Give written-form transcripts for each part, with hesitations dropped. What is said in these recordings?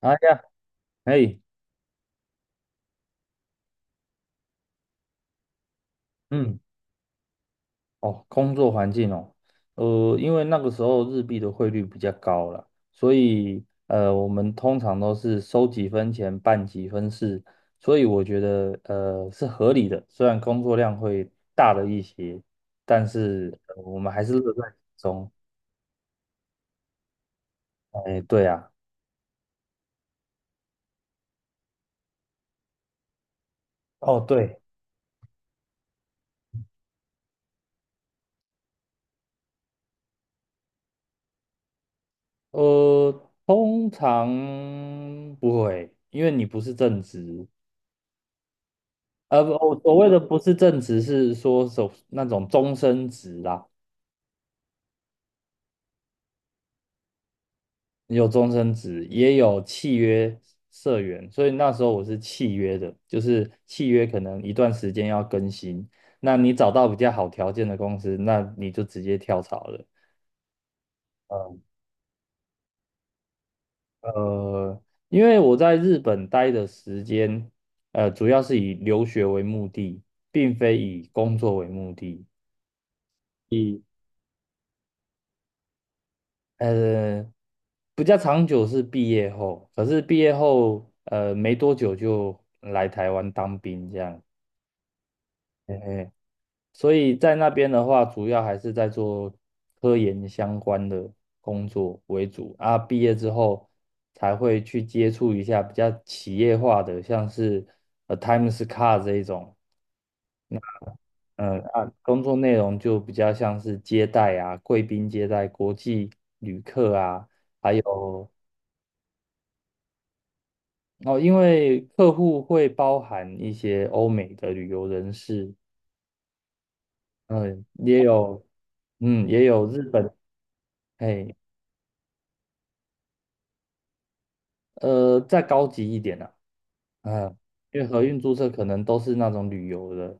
哎呀，哎，嗯，哦，工作环境哦，因为那个时候日币的汇率比较高了，所以我们通常都是收几分钱办几分事，所以我觉得是合理的，虽然工作量会大了一些，但是我们还是乐在其中。哎，对啊。哦，对，通常不会，因为你不是正职，我所谓的不是正职，是说手那种终身职啦，有终身职，也有契约社员，所以那时候我是契约的，就是契约可能一段时间要更新，那你找到比较好条件的公司，那你就直接跳槽了。呃呃，因为我在日本待的时间，主要是以留学为目的，并非以工作为目的。呃，比较长久是毕业后，可是毕业后没多久就来台湾当兵这样，嘿嘿，所以在那边的话，主要还是在做科研相关的工作为主啊。毕业之后才会去接触一下比较企业化的，像是Times Car 这一种，嗯啊，工作内容就比较像是接待啊，贵宾接待、国际旅客啊。还有。哦，因为客户会包含一些欧美的旅游人士，嗯，也有，嗯，也有日本，嘿，再高级一点啊，嗯，因为合运注册可能都是那种旅游的，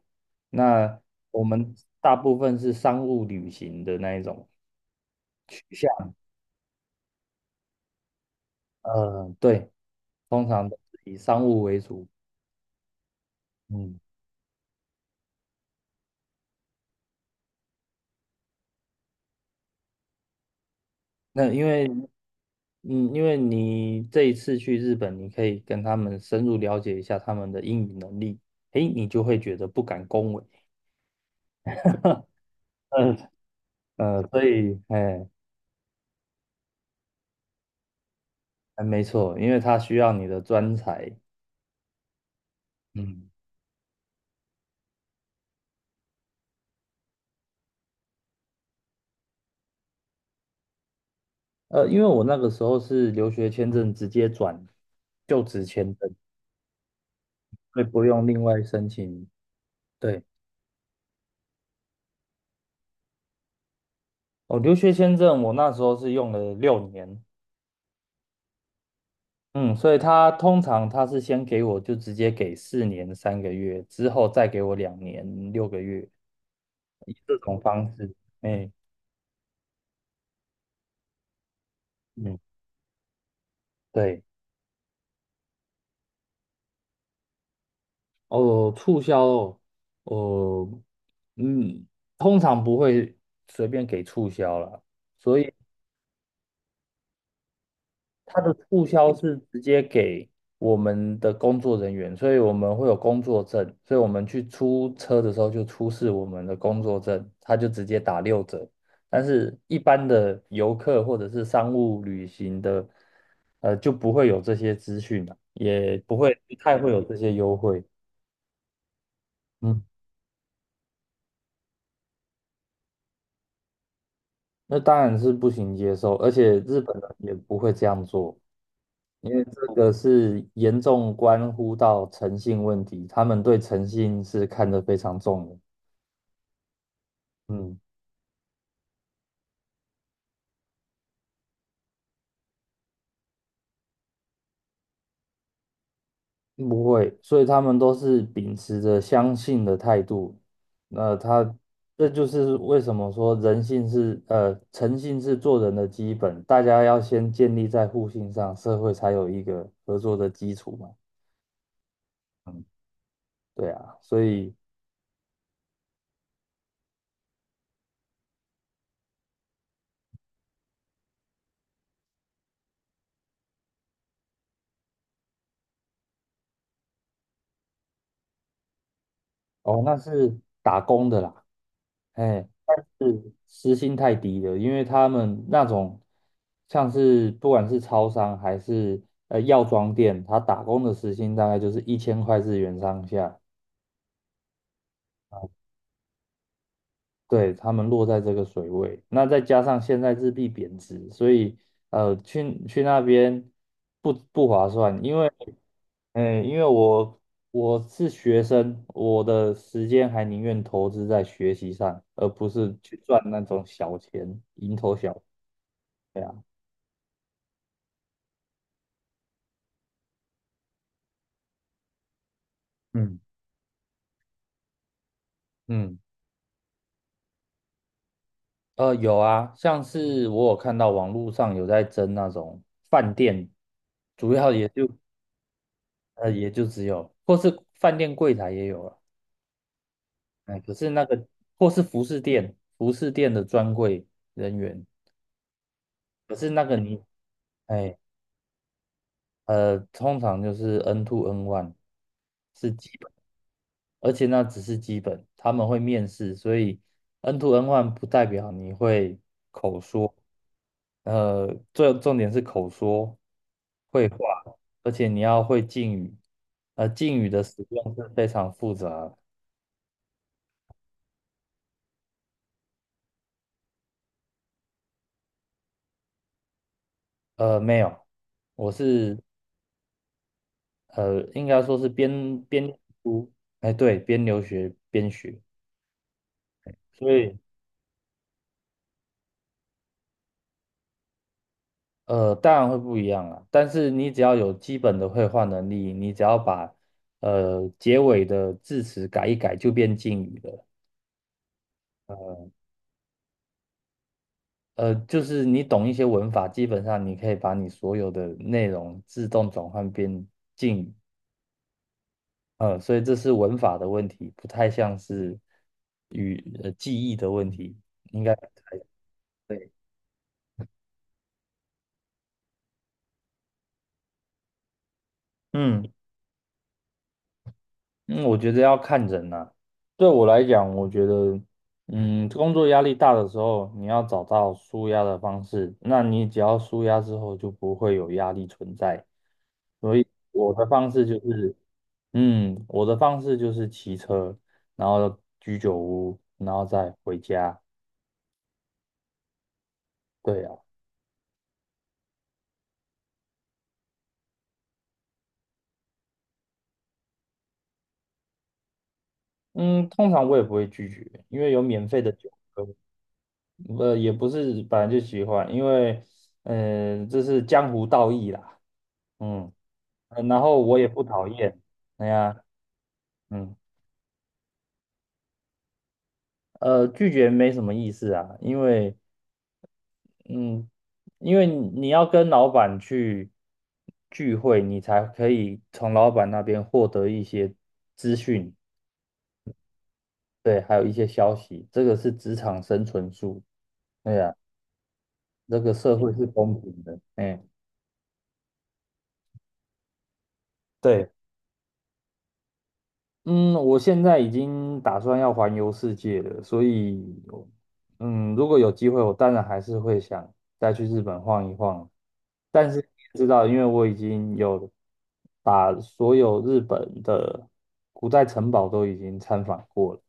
那我们大部分是商务旅行的那一种取向，嗯，对，通常都是以商务为主，嗯，那因为嗯，因为你这一次去日本，你可以跟他们深入了解一下他们的英语能力，诶，你就会觉得不敢恭维 嗯所以，哎，哎没错，因为他需要你的专才。嗯，因为我那个时候是留学签证直接转就职签证，所以不用另外申请。对，哦，留学签证我那时候是用了6年，嗯，所以他通常他是先给我就直接给4年3个月，之后再给我2年6个月，以这种方式。哎，嗯，对，哦，促销哦，哦，嗯，通常不会随便给促销啦，所以它的促销是直接给我们的工作人员，所以我们会有工作证，所以我们去出车的时候就出示我们的工作证，它就直接打六折。但是一般的游客或者是商务旅行的，就不会有这些资讯了，也不会不太会有这些优惠。嗯，那当然是不行接受，而且日本人也不会这样做。因为这个是严重关乎到诚信问题，他们对诚信是看得非常重的。嗯，不会，所以他们都是秉持着相信的态度。那他，这就是为什么说人性是，诚信是做人的基本，大家要先建立在互信上，社会才有一个合作的基础嘛。嗯，对啊，所以。哦，那是打工的啦，哎，但是时薪太低了，因为他们那种像是不管是超商还是药妆店，他打工的时薪大概就是1000块日元上下，对，他们落在这个水位，那再加上现在日币贬值，所以去那边不划算，因为。哎，因为我是学生，我的时间还宁愿投资在学习上，而不是去赚那种小钱，蝇头小。利啊，嗯嗯，有啊，像是我有看到网络上有在争那种饭店，主要也就也就只有，或是饭店柜台也有了，哎，可是那个或是服饰店，服饰店的专柜人员，可是那个你。哎。通常就是 N two N one 是基本，而且那只是基本，他们会面试，所以 N two N one 不代表你会口说，最重点是口说会话，而且你要会敬语，敬语的使用是非常复杂的。没有，我是应该说是边读，哎，对，边留学边学，所以。当然会不一样啊，但是你只要有基本的绘画能力，你只要把结尾的字词改一改，就变敬语了。呃，就是你懂一些文法，基本上你可以把你所有的内容自动转换变敬语。所以这是文法的问题，不太像是语记忆的问题，应该对，嗯。嗯，我觉得要看人呐、对我来讲，我觉得，嗯，工作压力大的时候，你要找到舒压的方式。那你只要舒压之后，就不会有压力存在。所以我的方式就是，嗯，我的方式就是骑车，然后居酒屋，然后再回家。对啊，嗯，通常我也不会拒绝，因为有免费的酒喝，也不是本来就喜欢，因为，嗯、这是江湖道义啦。嗯。然后我也不讨厌，哎呀，嗯，拒绝没什么意思啊，因为，嗯，因为你要跟老板去聚会，你才可以从老板那边获得一些资讯，对，还有一些消息，这个是职场生存术，对呀，这个社会是公平的，哎，对。嗯，我现在已经打算要环游世界了，所以，嗯，如果有机会，我当然还是会想再去日本晃一晃。但是你也知道，因为我已经有把所有日本的古代城堡都已经参访过了，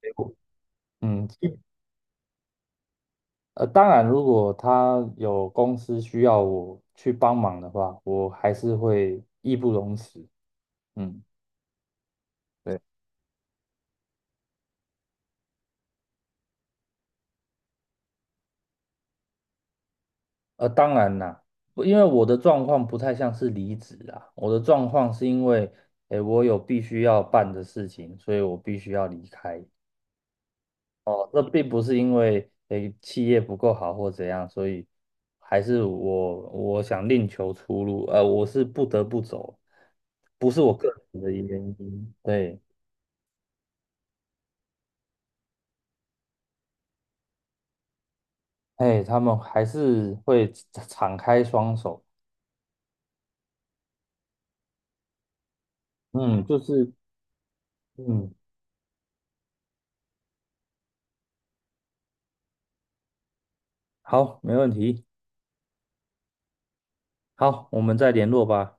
结果嗯，当然，如果他有公司需要我去帮忙的话，我还是会义不容辞。嗯。对。当然啦，不因为我的状况不太像是离职啊，我的状况是因为，诶，我有必须要办的事情，所以我必须要离开。哦，这并不是因为，诶，企业不够好或怎样，所以还是我想另求出路，我是不得不走，不是我个人的原因。对，哎，他们还是会敞开双手，嗯，就是，嗯，好，没问题，好，我们再联络吧。